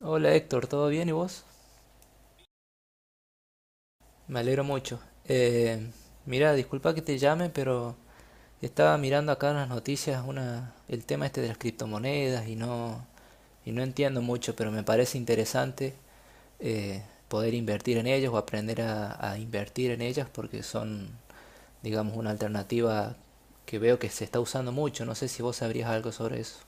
Hola Héctor, ¿todo bien y vos? Me alegro mucho. Mira, disculpa que te llame, pero estaba mirando acá en las noticias el tema este de las criptomonedas y y no entiendo mucho, pero me parece interesante poder invertir en ellas o aprender a invertir en ellas porque son, digamos, una alternativa que veo que se está usando mucho. No sé si vos sabrías algo sobre eso.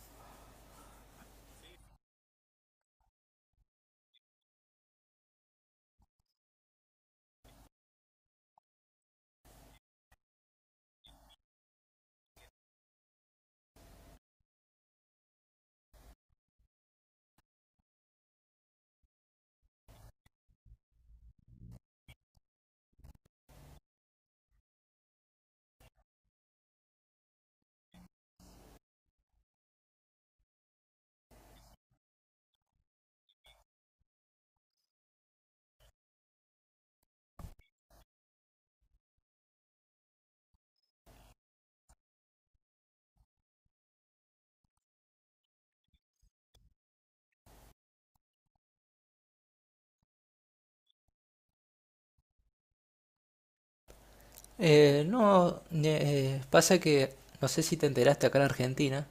No, pasa que no sé si te enteraste acá en Argentina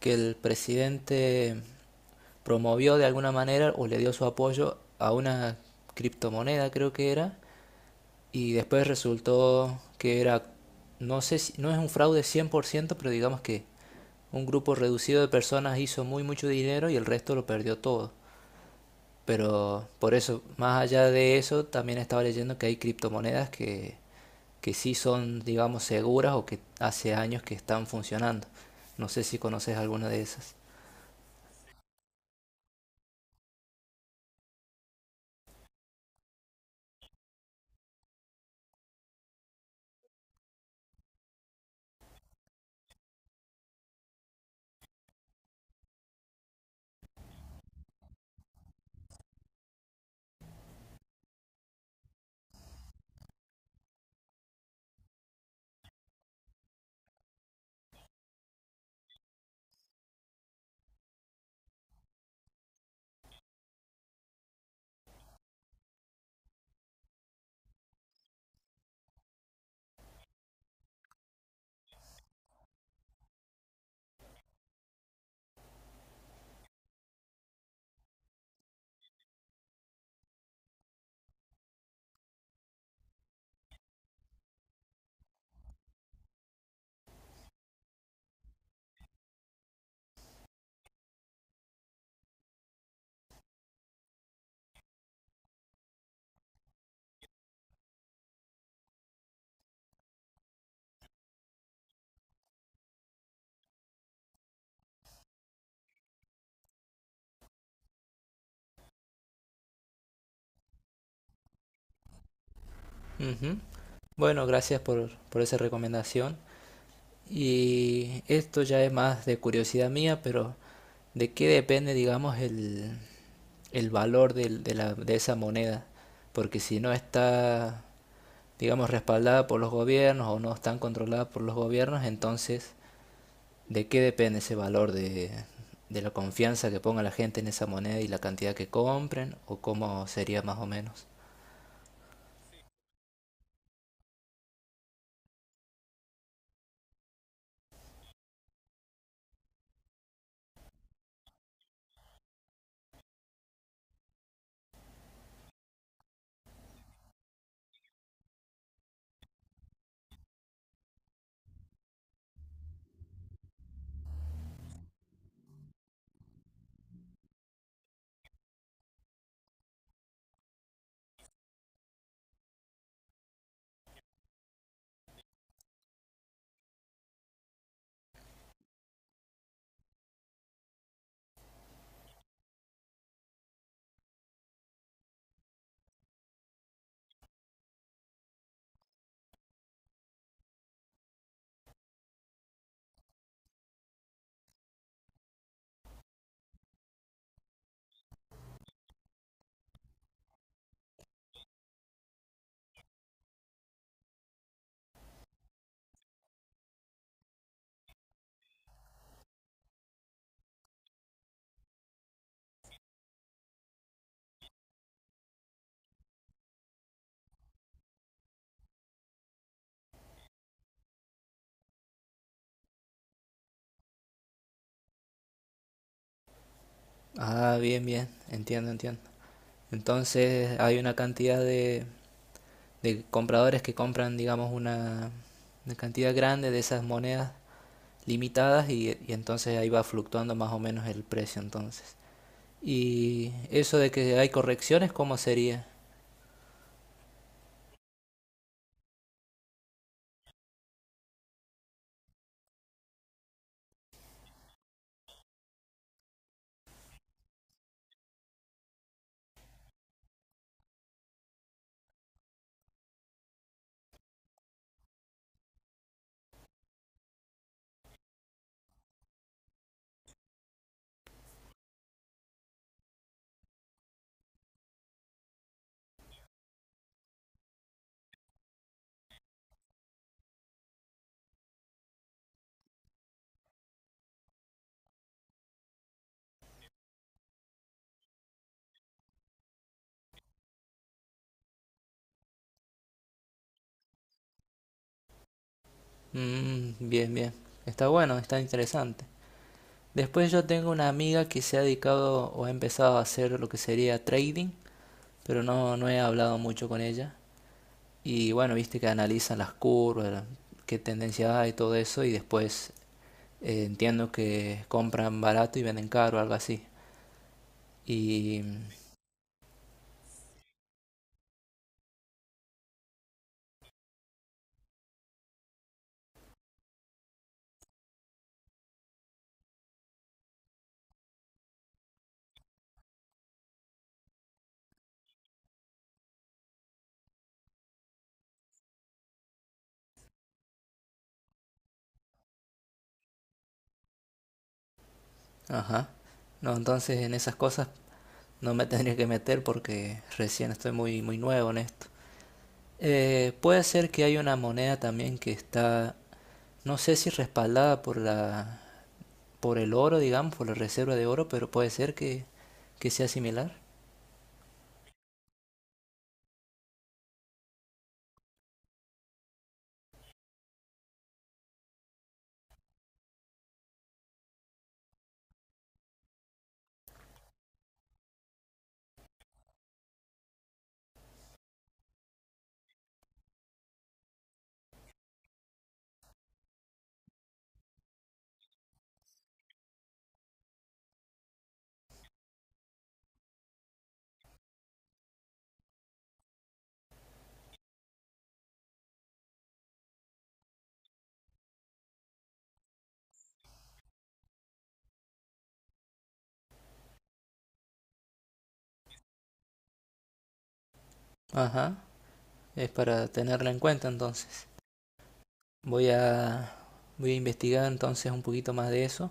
que el presidente promovió de alguna manera o le dio su apoyo a una criptomoneda, creo que era, y después resultó que era, no sé si, no es un fraude 100%, pero digamos que un grupo reducido de personas hizo muy mucho dinero y el resto lo perdió todo. Pero por eso, más allá de eso, también estaba leyendo que hay criptomonedas que sí son, digamos, seguras o que hace años que están funcionando. No sé si conoces alguna de esas. Ujú. Bueno, gracias por esa recomendación. Y esto ya es más de curiosidad mía, pero ¿de qué depende, digamos, el valor de esa moneda? Porque si no está, digamos, respaldada por los gobiernos o no están controladas por los gobiernos, entonces, ¿de qué depende ese valor de la confianza que ponga la gente en esa moneda y la cantidad que compren? ¿O cómo sería más o menos? Ah, bien, bien, entiendo, entiendo. Entonces hay una cantidad de compradores que compran, digamos, una cantidad grande de esas monedas limitadas y entonces ahí va fluctuando más o menos el precio entonces. Y eso de que hay correcciones, ¿cómo sería? Mm, bien, bien. Está bueno, está interesante. Después yo tengo una amiga que se ha dedicado o ha empezado a hacer lo que sería trading, pero no, no he hablado mucho con ella. Y bueno, viste que analizan las curvas, qué tendencia hay, y todo eso, y después entiendo que compran barato y venden caro, algo así. Y... Ajá. No, entonces en esas cosas no me tendría que meter porque recién estoy muy, muy nuevo en esto. Puede ser que hay una moneda también que está, no sé si respaldada por la, por el oro, digamos, por la reserva de oro, pero puede ser que sea similar. Ajá, es para tenerla en cuenta entonces. Voy a, voy a investigar entonces un poquito más de eso.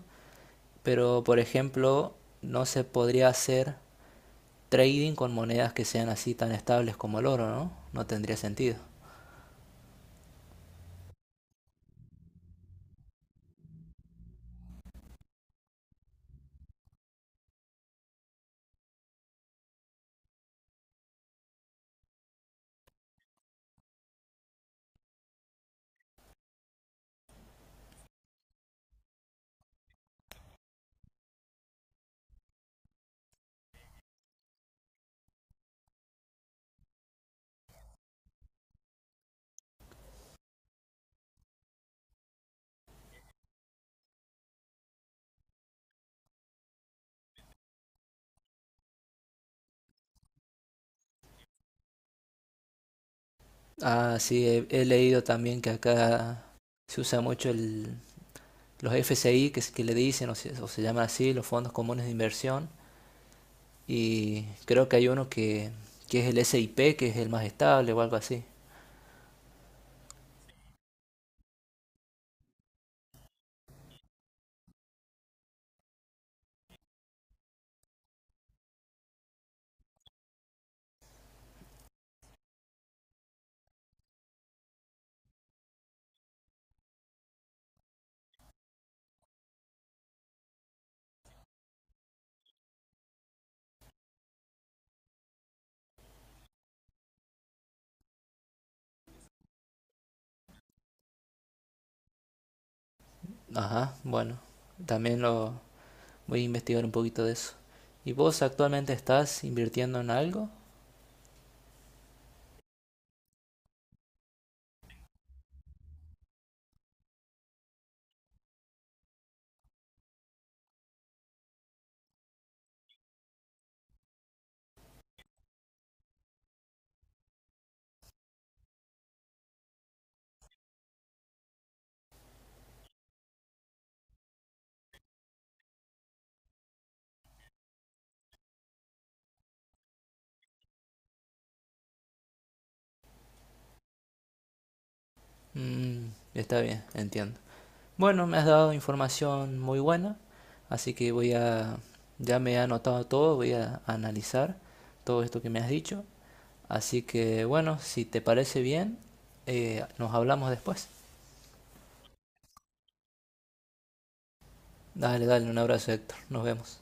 Pero, por ejemplo, no se podría hacer trading con monedas que sean así tan estables como el oro, ¿no? No tendría sentido. Ah, sí, he leído también que acá se usa mucho los FCI, que, que le dicen, o se llaman así, los fondos comunes de inversión. Y creo que hay uno que es el SIP, que es el más estable o algo así. Ajá, bueno, también lo voy a investigar un poquito de eso. ¿Y vos actualmente estás invirtiendo en algo? Mm, está bien, entiendo. Bueno, me has dado información muy buena, así que voy a, ya me he anotado todo, voy a analizar todo esto que me has dicho. Así que bueno, si te parece bien, nos hablamos después. Dale, dale, un abrazo, Héctor. Nos vemos.